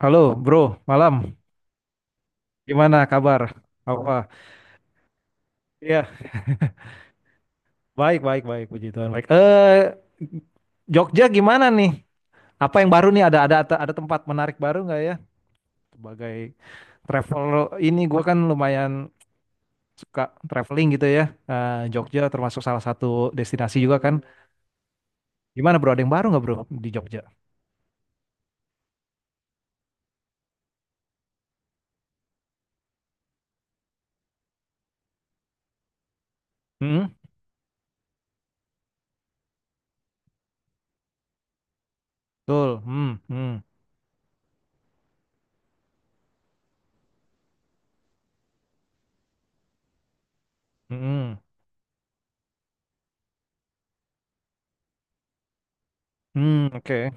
Halo, bro. Malam. Gimana kabar? Apa? Iya, baik, baik, baik. Puji Tuhan, baik. Jogja gimana nih? Apa yang baru nih? Ada tempat menarik baru nggak ya? Sebagai travel ini, gue kan lumayan suka traveling gitu ya. Jogja termasuk salah satu destinasi juga kan. Gimana bro? Ada yang baru nggak bro di Jogja? Hmm, betul. Hmm, hmm, hmm, hmm. Hmm, oke.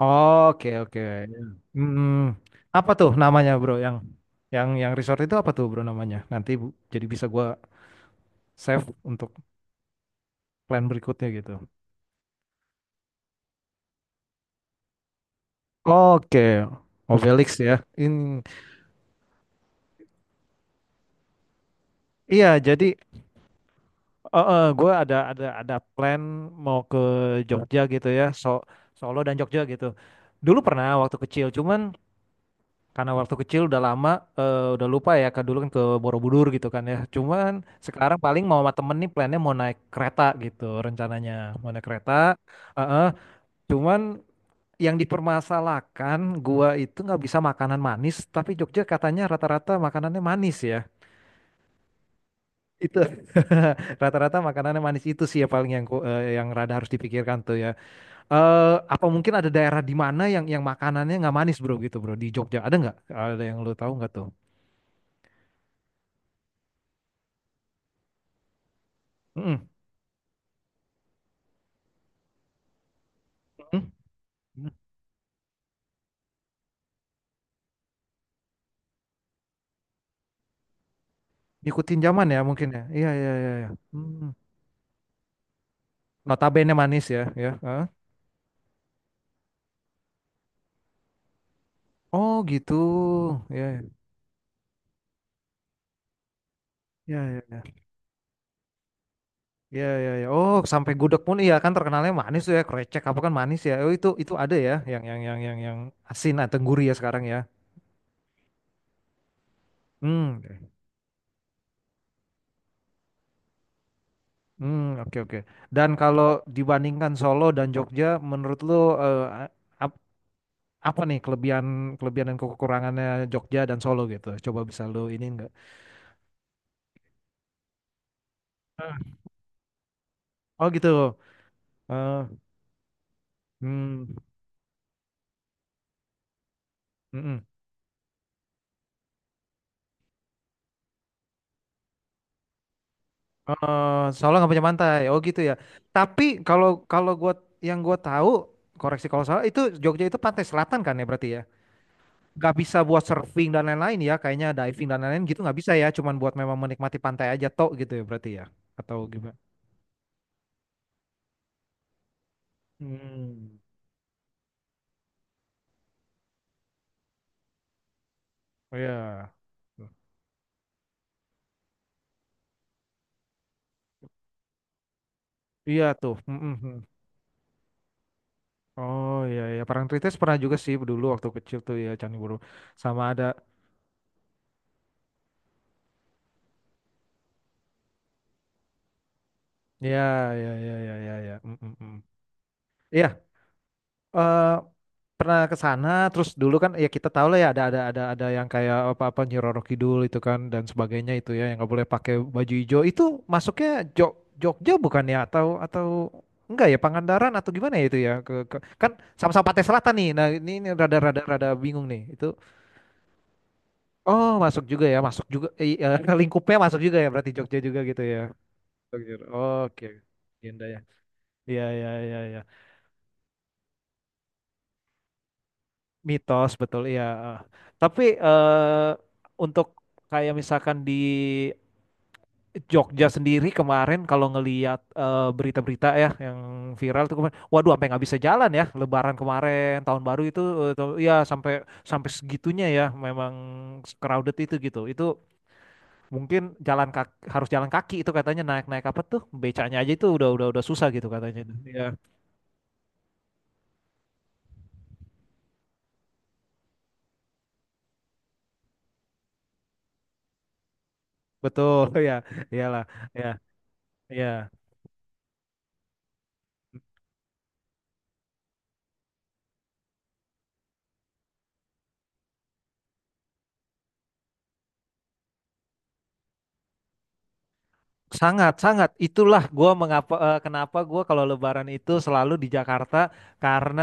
Oke, oke. Hmm, apa tuh namanya, Bro? Yang resort itu apa tuh, Bro, namanya? Jadi bisa gua save untuk plan berikutnya gitu. Oke. Oh, Felix ya. Ini iya, jadi gua ada plan mau ke Jogja gitu ya. Solo dan Jogja gitu. Dulu pernah waktu kecil, cuman karena waktu kecil udah lama, udah lupa ya, kan dulu kan ke Borobudur gitu kan ya. Cuman sekarang paling mau sama temen nih plannya mau naik kereta gitu rencananya. Mau naik kereta. Heeh. Cuman yang dipermasalahkan gua itu nggak bisa makanan manis, tapi Jogja katanya rata-rata makanannya manis ya. Itu rata-rata makanannya manis itu sih ya paling yang yang rada harus dipikirkan tuh ya. Apa mungkin ada daerah di mana yang makanannya nggak manis bro gitu bro di Jogja ada nggak? Ada yang lu tahu nggak tuh? Mm-mm. Hmm? Hmm. Ngikutin zaman ya mungkin ya. Iya, iya, iya, iya. Hmm. Notabene manis ya, ya. Hah? Oh gitu. Iya, iya, iya, iya. Iya, iya, iya. Oh, sampai gudeg pun iya kan terkenalnya manis tuh ya, krecek apa kan manis ya. Oh itu ada ya yang asin atau gurih ya sekarang ya. Hmm. Hmm, oke, oke. Dan kalau dibandingkan Solo dan Jogja menurut lu, eh, a- ap- apa nih kelebihan, kelebihan dan kekurangannya Jogja dan Solo gitu? Coba bisa lu ini enggak? Oh gitu. Eh, hmm. Mm-mm. Soalnya nggak punya pantai. Oh gitu ya. Tapi kalau kalau gua yang gua tahu, koreksi kalau salah itu Jogja itu pantai selatan kan ya berarti ya. Nggak bisa buat surfing dan lain-lain ya. Kayaknya diving dan lain-lain gitu nggak bisa ya. Cuman buat memang menikmati pantai aja tok gitu ya berarti ya. Atau gimana? Hmm. Oh ya. Iya tuh. Mm-mm. Oh iya ya. Parangtritis pernah juga sih dulu waktu kecil tuh ya Candi Borobudur. Sama ada. Ya, ya, ya, ya, ya, ya. Iya. eh, pernah ke sana terus dulu kan ya kita tahu lah ya ada yang kayak apa-apa Nyi Roro Kidul itu kan dan sebagainya itu ya yang nggak boleh pakai baju hijau itu masuknya Jog Jogja bukan ya, atau enggak ya Pangandaran atau gimana ya itu ya, kan sama-sama Pantai Selatan nih. Nah ini, rada rada rada bingung nih itu. Oh masuk juga ya, masuk juga, lingkupnya masuk juga ya berarti Jogja juga gitu ya, Jogja. Oke, agenda ya. Iya, iya, iya, iya. Mitos betul iya. Tapi untuk kayak misalkan di Jogja sendiri kemarin kalau ngeliat berita-berita ya yang viral tuh kemarin, waduh sampai nggak bisa jalan ya Lebaran kemarin, tahun baru itu, tuh, ya sampai sampai segitunya ya memang crowded itu gitu. Itu mungkin jalan kaki, harus jalan kaki itu katanya, naik-naik apa tuh becanya aja itu udah susah gitu katanya. Ya betul ya iyalah ya ya. Sangat, sangat. Itulah gua mengapa, kenapa gua kalau Lebaran itu selalu di Jakarta. Karena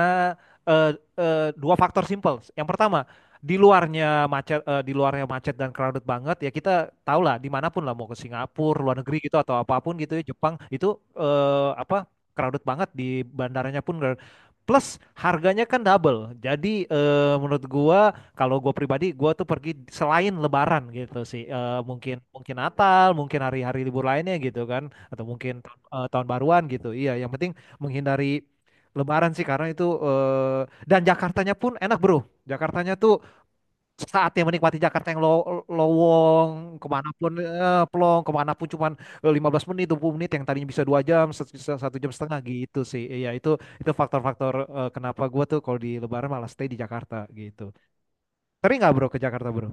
eh, dua faktor simple. Yang pertama, di luarnya macet dan crowded banget, ya kita tahu lah dimanapun lah mau ke Singapura, luar negeri gitu atau apapun gitu ya, Jepang itu apa, crowded banget di bandaranya pun. Crowded. Plus harganya kan double. Jadi menurut gua, kalau gue pribadi, gue tuh pergi selain Lebaran gitu sih. Eh, mungkin mungkin Natal, mungkin hari-hari libur lainnya gitu kan, atau mungkin tahun baruan gitu. Iya, yang penting menghindari Lebaran sih karena itu, dan Jakartanya pun enak bro. Jakartanya tuh saatnya menikmati Jakarta yang lowong kemanapun, plong kemanapun, cuman 15 menit, 20 menit yang tadinya bisa dua jam, satu jam setengah gitu sih. Iya itu, faktor-faktor kenapa gue tuh kalau di Lebaran malah stay di Jakarta gitu. Sering nggak bro ke Jakarta bro?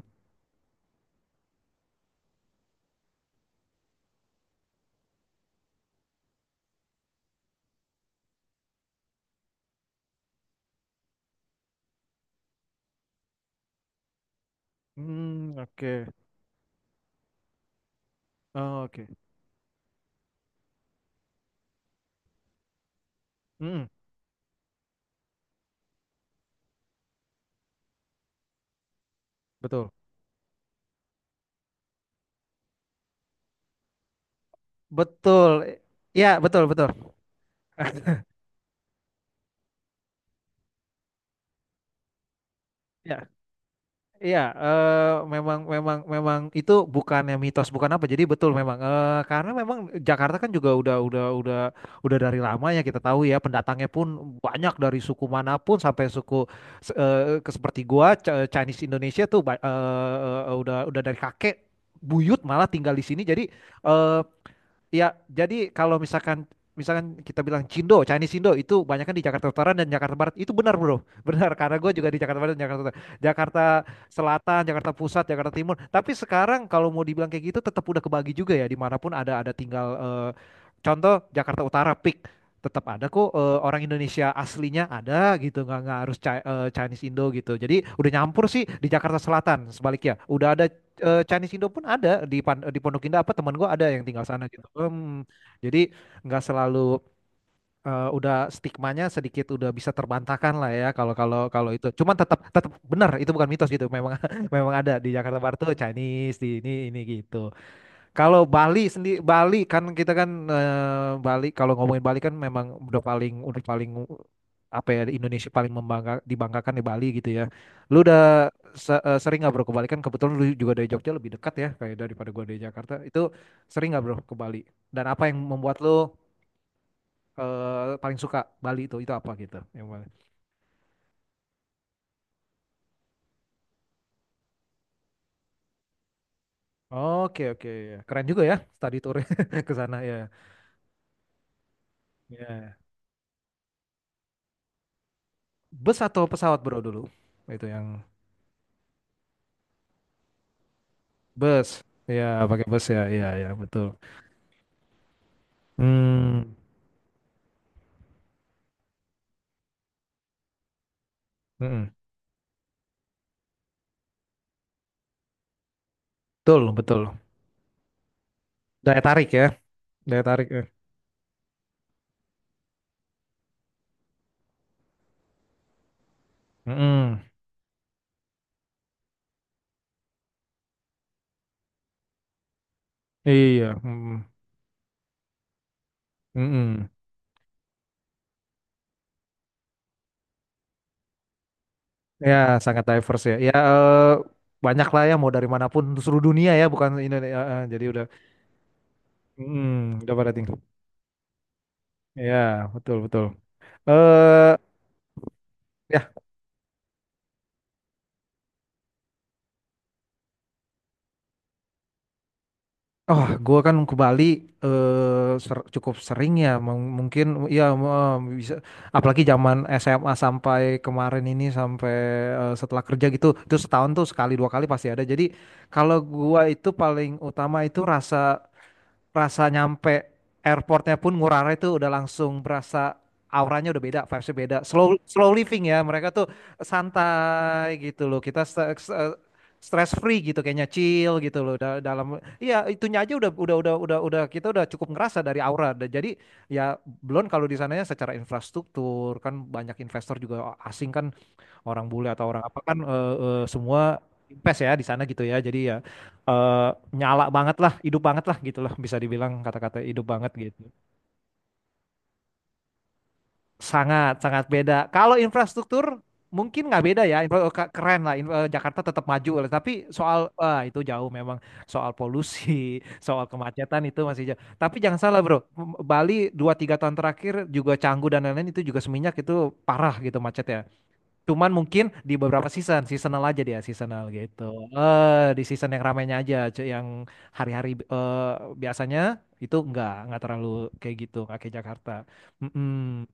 Hmm, oke. Oh, oke. Hmm, betul. Betul. Ya, betul, betul. Ya iya, memang, memang, memang itu bukannya mitos, bukan apa. Jadi betul memang, karena memang Jakarta kan juga udah dari lama ya, kita tahu ya pendatangnya pun banyak dari suku manapun, sampai suku seperti gua, Chinese Indonesia tuh udah dari kakek buyut malah tinggal di sini. Jadi eh, ya jadi, kalau misalkan, kita bilang Cindo, Chinese Indo itu banyak kan di Jakarta Utara dan Jakarta Barat. Itu benar, Bro. Benar, karena gue juga di Jakarta Barat dan Jakarta Utara. Jakarta Selatan, Jakarta Pusat, Jakarta Timur. Tapi sekarang kalau mau dibilang kayak gitu, tetap udah kebagi juga ya. Dimanapun ada tinggal, contoh Jakarta Utara peak, tetap ada kok orang Indonesia aslinya, ada gitu, nggak harus Chinese Indo gitu. Jadi udah nyampur sih. Di Jakarta Selatan sebaliknya udah ada, Chinese Indo pun ada di di Pondok Indah, apa teman gue ada yang tinggal sana gitu. Hmm, jadi nggak selalu, udah stigmanya sedikit udah bisa terbantahkan lah ya, kalau kalau kalau itu. Cuman tetap tetap benar itu bukan mitos gitu. Memang memang ada di Jakarta Barat tuh Chinese di ini gitu. Kalau Bali sendiri, Bali kan kita kan, Bali kalau ngomongin Bali kan memang udah paling, udah paling apa ya, di Indonesia paling membangga, dibanggakan di Bali gitu ya. Lu udah sering nggak bro ke Bali, kan kebetulan lu juga dari Jogja lebih dekat ya, kayak daripada gua dari Jakarta. Itu sering nggak bro ke Bali? Dan apa yang membuat lu, paling suka Bali itu apa gitu? Yang mana? Oke, oke ya. Keren juga ya study tour ke sana ya. Ya. Bus atau pesawat bro dulu? Itu yang bus, ya pakai bus ya, iya ya betul. Hmm, mm-mm. Betul, betul. Daya tarik ya, daya tarik. Ya. Mm-mm. Iya, mm-mm. Mm-mm. Ya, sangat diverse ya. Ya, banyak lah ya, mau dari manapun seluruh dunia ya, bukan Indonesia. Eh. Jadi udah, udah pada tinggal. Ya betul, betul. Eh Oh, gue kan ke Bali, cukup sering ya, mungkin ya, bisa. Apalagi zaman SMA sampai kemarin ini, sampai setelah kerja gitu, itu setahun tuh sekali dua kali pasti ada. Jadi kalau gua itu paling utama itu, rasa rasa nyampe airportnya pun Ngurah Rai itu udah langsung berasa auranya udah beda, vibesnya beda. Slow slow living ya, mereka tuh santai gitu loh. Kita stress free gitu kayaknya, chill gitu loh. Dalam iya itunya aja udah, kita udah cukup ngerasa dari aura. Dan jadi, ya belum kalau di sananya secara infrastruktur kan banyak investor juga asing kan, orang bule atau orang apa kan, semua impes ya di sana gitu, ya jadi ya, eh, nyala banget lah, hidup banget lah gitu lah, bisa dibilang kata-kata hidup banget gitu. Sangat, sangat beda kalau infrastruktur, mungkin nggak beda ya, oh, keren lah. Jakarta tetap maju lah. Tapi soal itu jauh memang, soal polusi soal kemacetan itu masih jauh. Tapi jangan salah bro, Bali dua tiga tahun terakhir juga, Canggu dan lain-lain itu juga, Seminyak itu parah gitu, macet ya. Cuman mungkin di beberapa season, seasonal aja dia, seasonal gitu. Di season yang ramainya aja, yang hari-hari, biasanya itu nggak terlalu kayak gitu, nggak kayak Jakarta. Mm-mm.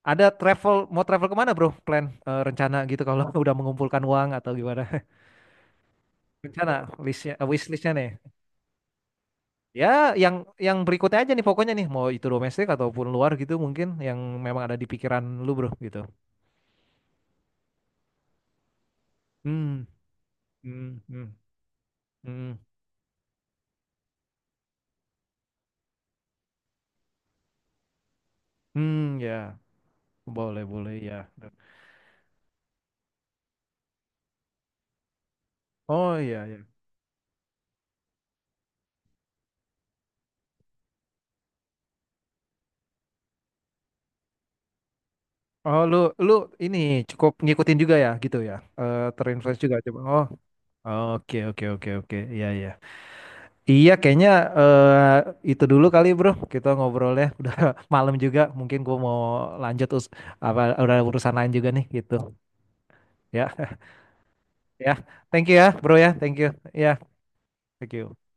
Ada travel, mau travel kemana bro? Plan, rencana gitu, kalau udah mengumpulkan uang atau gimana? Rencana listnya, wish listnya nih. Ya, yang yang berikutnya aja nih pokoknya nih, mau itu domestik ataupun luar gitu, mungkin yang memang ada di pikiran lu bro gitu. Hmm, hmm, hmm, hmm, hmm, ya. Boleh, boleh ya. Oh iya ya. Oh lu lu ini cukup ngikutin juga ya gitu ya. Terinfluence juga coba. Oh, oke, oke, oke, oke. Iya, iya. Iya kayaknya eh itu dulu kali bro. Kita ngobrolnya udah malam juga. Mungkin gua mau lanjut apa, udah urusan lain juga nih gitu. Ya, ya. Thank you ya bro ya. Thank you. Ya, thank you.